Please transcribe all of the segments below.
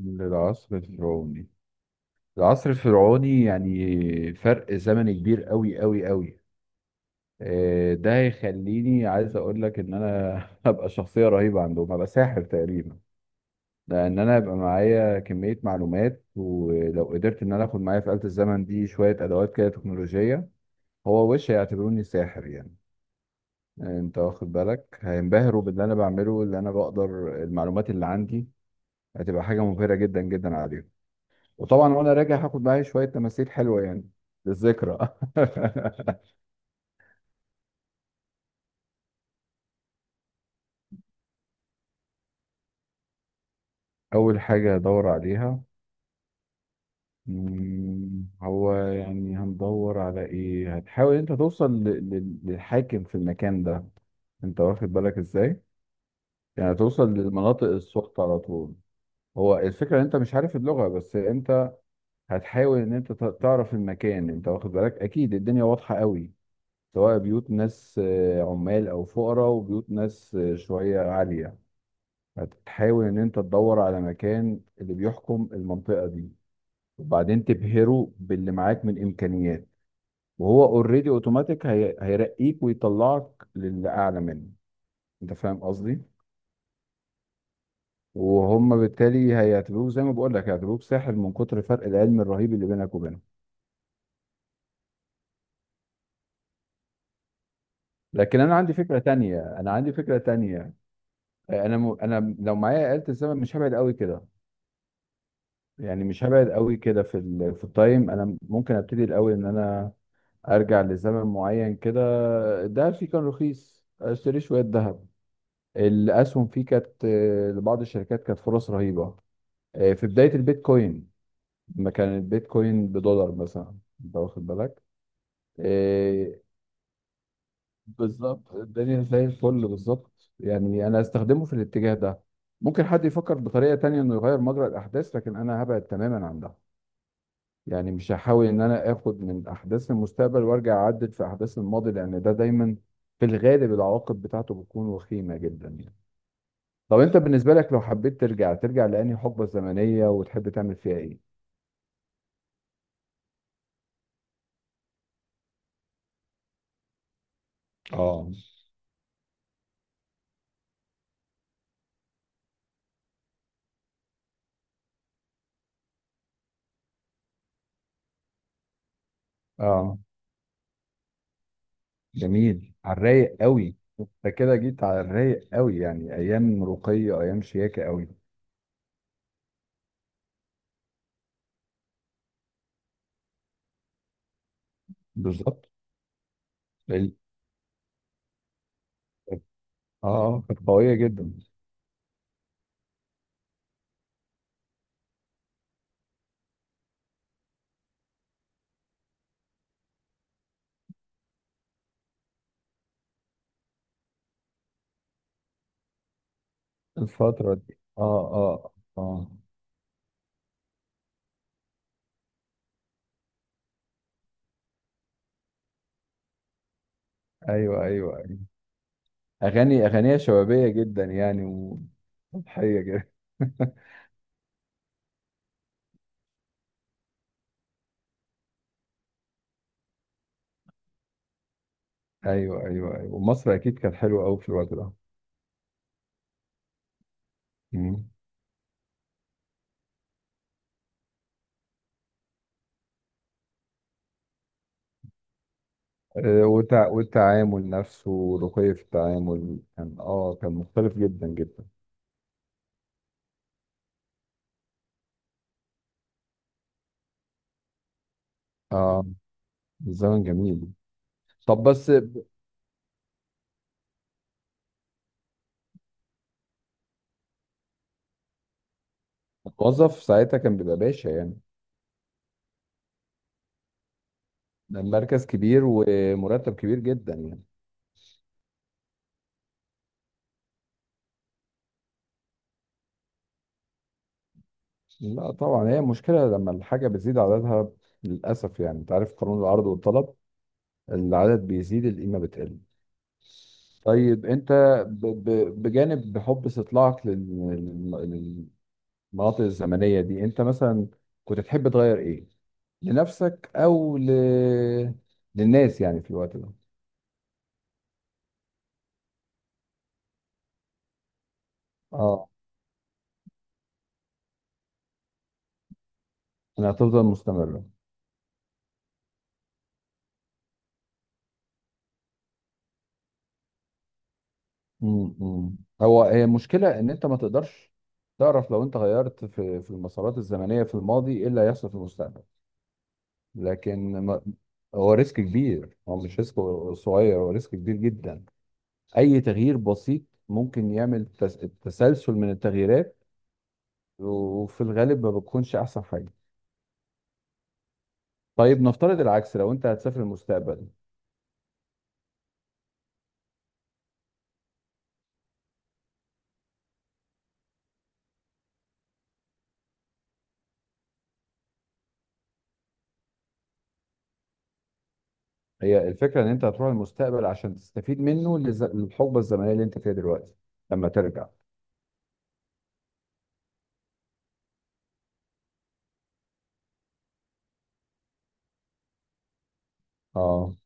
للعصر الفرعوني. العصر الفرعوني يعني فرق زمني كبير قوي قوي قوي. ده هيخليني عايز اقول لك ان انا هبقى شخصية رهيبة عندهم، هبقى ساحر تقريبا. لان انا هيبقى معايا كمية معلومات، ولو قدرت ان انا اخد معايا في آلة الزمن دي شوية ادوات كده تكنولوجية، هو وش هيعتبروني ساحر يعني. انت واخد بالك؟ هينبهروا باللي انا بعمله، اللي انا بقدر. المعلومات اللي عندي هتبقى حاجة مبهرة جدا جدا عليهم. وطبعا وانا راجع هاخد معايا شويه تماثيل حلوه يعني، للذكرى. اول حاجه هدور عليها، هو يعني هندور على ايه؟ هتحاول انت توصل للحاكم في المكان ده، انت واخد بالك ازاي؟ يعني توصل للمناطق السخطة على طول. هو الفكرة ان انت مش عارف اللغة، بس انت هتحاول ان انت تعرف المكان. انت واخد بالك؟ اكيد الدنيا واضحة قوي، سواء بيوت ناس عمال او فقراء، وبيوت ناس شوية عالية. هتحاول ان انت تدور على مكان اللي بيحكم المنطقة دي، وبعدين تبهره باللي معاك من امكانيات، وهو اوريدي اوتوماتيك هيرقيك ويطلعك للي اعلى منه. انت فاهم قصدي؟ وهم بالتالي هيعتبروه زي ما بقول لك، هيعتبروه ساحر من كتر فرق العلم الرهيب اللي بينك وبينهم. لكن انا عندي فكرة تانية، انا عندي فكرة تانية. انا لو معايا آلة الزمن مش هبعد قوي كده. يعني مش هبعد قوي كده في التايم. انا ممكن ابتدي الاول ان انا ارجع لزمن معين كده، الدهب فيه كان رخيص، اشتري شويه ذهب. الاسهم فيه كانت لبعض الشركات كانت فرص رهيبه. في بدايه البيتكوين، لما كان البيتكوين بدولار مثلا، انت واخد بالك؟ آه، بالظبط، الدنيا زي الفل. بالظبط يعني انا استخدمه في الاتجاه ده. ممكن حد يفكر بطريقه تانية انه يغير مجرى الاحداث، لكن انا هبعد تماما عن ده. يعني مش هحاول ان انا اخد من احداث المستقبل وارجع اعدل في احداث الماضي، لان ده دايما في الغالب العواقب بتاعته بتكون وخيمة جدا يعني. طب انت بالنسبة لك لو حبيت ترجع، ترجع لأنهي حقبة زمنية وتحب تعمل فيها ايه؟ اه، اه، جميل. على الرايق قوي، انت كده جيت على الرايق قوي. يعني ايام رقية، ايام شياكة قوي. بالظبط. ال- اه كانت قوية جدا. الفترة دي، اه، اه، اه. ايوه، ايوه، اغاني اغانيها شبابيه جدا يعني، ومضحيه جدا. ايوه، ايوه، ايوه، ومصر اكيد كانت حلوه قوي في الوقت ده. مم. والتعامل نفسه، ورقي في التعامل، كان اه كان مختلف جدا جدا. اه، الزمن جميل. طب بس، الموظف ساعتها كان بيبقى باشا يعني، ده المركز كبير ومرتب كبير جدا يعني. لا طبعا، هي مشكلة لما الحاجة بتزيد عددها. للأسف يعني، أنت عارف قانون العرض والطلب، العدد بيزيد القيمة بتقل. طيب انت، بجانب حب استطلاعك لل- للمناطق الزمنية دي، انت مثلا كنت تحب تغير ايه لنفسك للناس يعني في الوقت ده؟ اه، انها تفضل مستمرة. امم، هو هي المشكلة ان انت ما تقدرش تعرف لو انت غيرت في المسارات الزمنية في الماضي ايه اللي هيحصل في المستقبل. لكن ما... هو ريسك كبير، هو مش ريسك صغير، هو ريسك كبير جدا. اي تغيير بسيط ممكن يعمل تسلسل من التغييرات، وفي الغالب ما بتكونش احسن حاجه. طيب نفترض العكس، لو انت هتسافر المستقبل، هي الفكره ان انت هتروح المستقبل عشان تستفيد منه للحقبه الزمنيه اللي انت فيها دلوقتي لما ترجع. اه.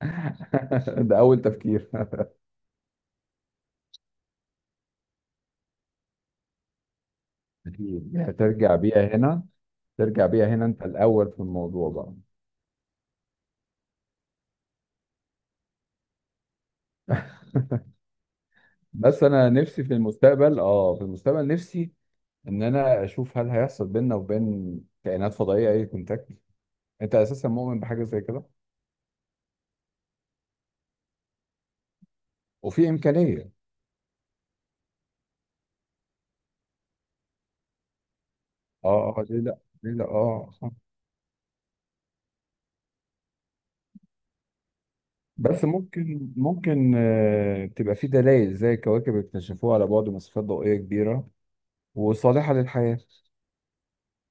ده اول تفكير. أكيد. هترجع بيها هنا. ترجع بيها هنا انت الاول في الموضوع بقى. بس انا نفسي في المستقبل، اه، في المستقبل نفسي ان انا اشوف هل هيحصل بيننا وبين كائنات فضائيه اي كونتاكت؟ انت اساسا مؤمن بحاجه زي كده؟ وفي امكانيه؟ اه، اه، ليه لا؟ ليه لا؟ اه صح. بس ممكن، ممكن تبقى في دلائل زي كواكب اكتشفوها على بعد مسافات ضوئيه كبيره وصالحه للحياه،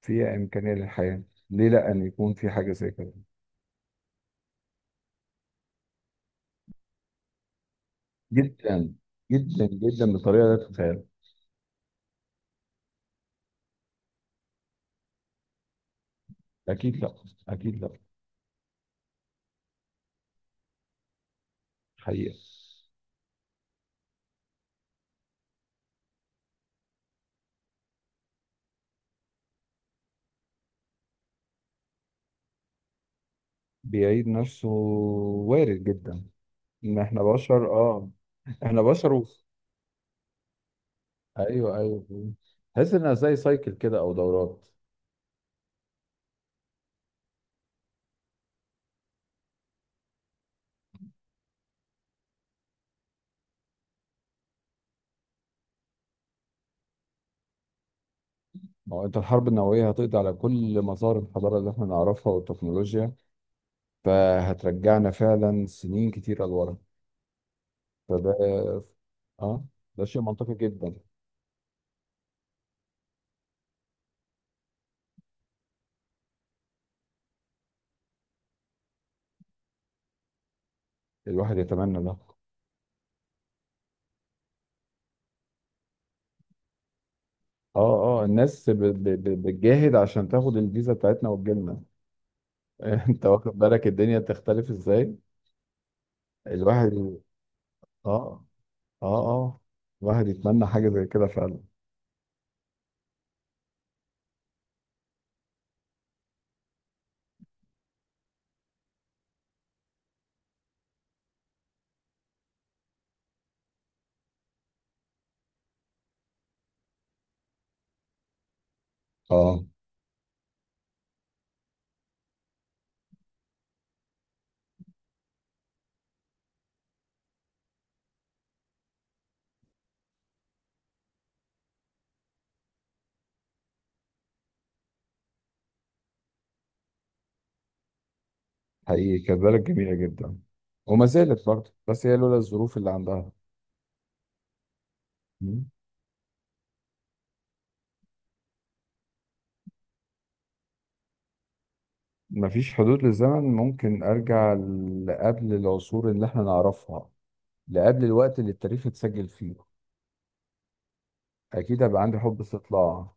فيها امكانيه للحياه. ليه لا ان يكون في حاجه زي كده؟ جدا، جدا جدا بطريقه لا تتخيل. اكيد لا، اكيد لا. حقيقه. بيعيد نفسه، وارد جدا. ما احنا بشر، اه، احنا بشر و... ايوه، ايوه، تحس انها زي سايكل كده او دورات. ما هو انت الحرب النوويه هتقضي على كل مسار الحضاره اللي احنا نعرفها والتكنولوجيا، فهترجعنا فعلا سنين كتيره لورا. فده، اه، ده شيء منطقي جدا. الواحد يتمنى ده. اه، اه، الناس بتجاهد عشان تاخد الفيزا بتاعتنا وتجيلنا. انت واخد بالك الدنيا تختلف ازاي؟ الواحد، اه، اه، اه، الواحد يتمنى حاجه زي كده فعلا. اه، حقيقي كانت بلد جميلة جدا، وما زالت برضه، بس هي لولا الظروف اللي عندها. مم. مفيش حدود للزمن، ممكن أرجع لقبل العصور اللي احنا نعرفها، لقبل الوقت اللي التاريخ اتسجل فيه. أكيد هيبقى عندي حب استطلاع.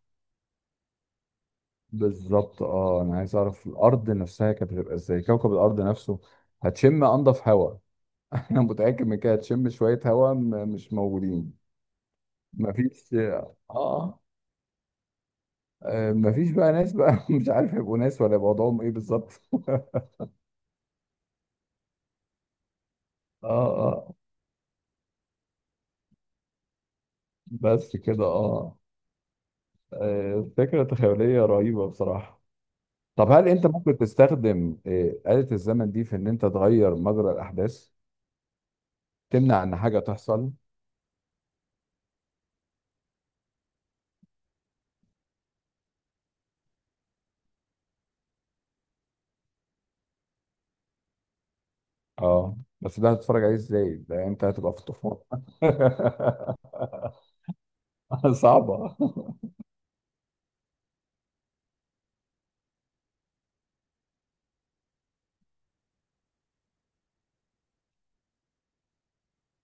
بالظبط، اه، أنا عايز أعرف الأرض نفسها كانت هتبقى إزاي، كوكب الأرض نفسه. هتشم أنضف هواء. أنا متأكد من كده، هتشم شوية هواء مش موجودين. مفيش، اه، مفيش بقى ناس بقى. مش عارف هيبقوا ناس ولا يبقى وضعهم ايه بالظبط. اه، اه، بس كده. اه، فكرة تخيلية رهيبة بصراحة. طب هل انت ممكن تستخدم آلة الزمن دي في ان انت تغير مجرى الاحداث؟ تمنع ان حاجة تحصل؟ اه، بس ده هتتفرج عليه ازاي؟ ده انت هتبقى في الطوفان. صعبة.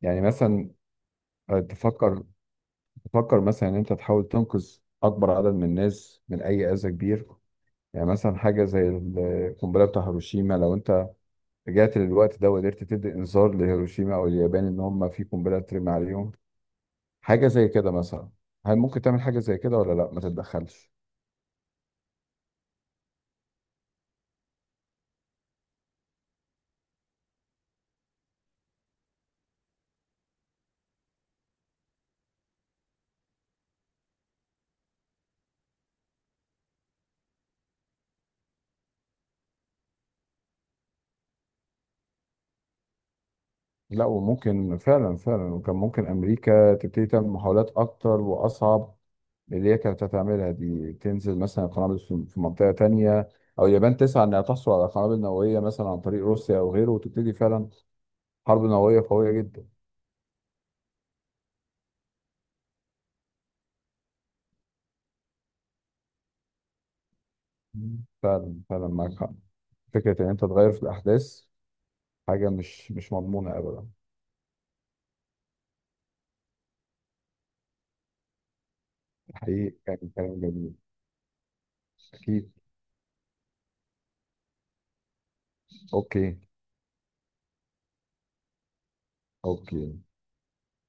يعني مثلا، آه، تفكر تفكر مثلا ان انت تحاول تنقذ اكبر عدد من الناس من اي اذى كبير. يعني مثلا حاجة زي القنبلة بتاع هيروشيما، لو أنت رجعت للوقت ده وقدرت تدي إنذار لهيروشيما أو اليابان إن هم في قنبلة ترمي عليهم، حاجة زي كده مثلا. هل ممكن تعمل حاجة زي كده، ولا لا، ما تتدخلش؟ لا، وممكن فعلا، فعلا، وكان ممكن أمريكا تبتدي تعمل محاولات أكتر وأصعب من اللي هي كانت هتعملها دي. تنزل مثلا قنابل في منطقة تانية، أو اليابان تسعى إنها تحصل على قنابل نووية مثلا عن طريق روسيا أو غيره، وتبتدي فعلا حرب نووية قوية جدا. مم. فعلا، فعلا معاك حق. فكرة إن أنت تغير في الأحداث حاجة مش، مش مضمونة أبدا. الحقيقة كان كلام جميل. أكيد. أوكي. أوكي.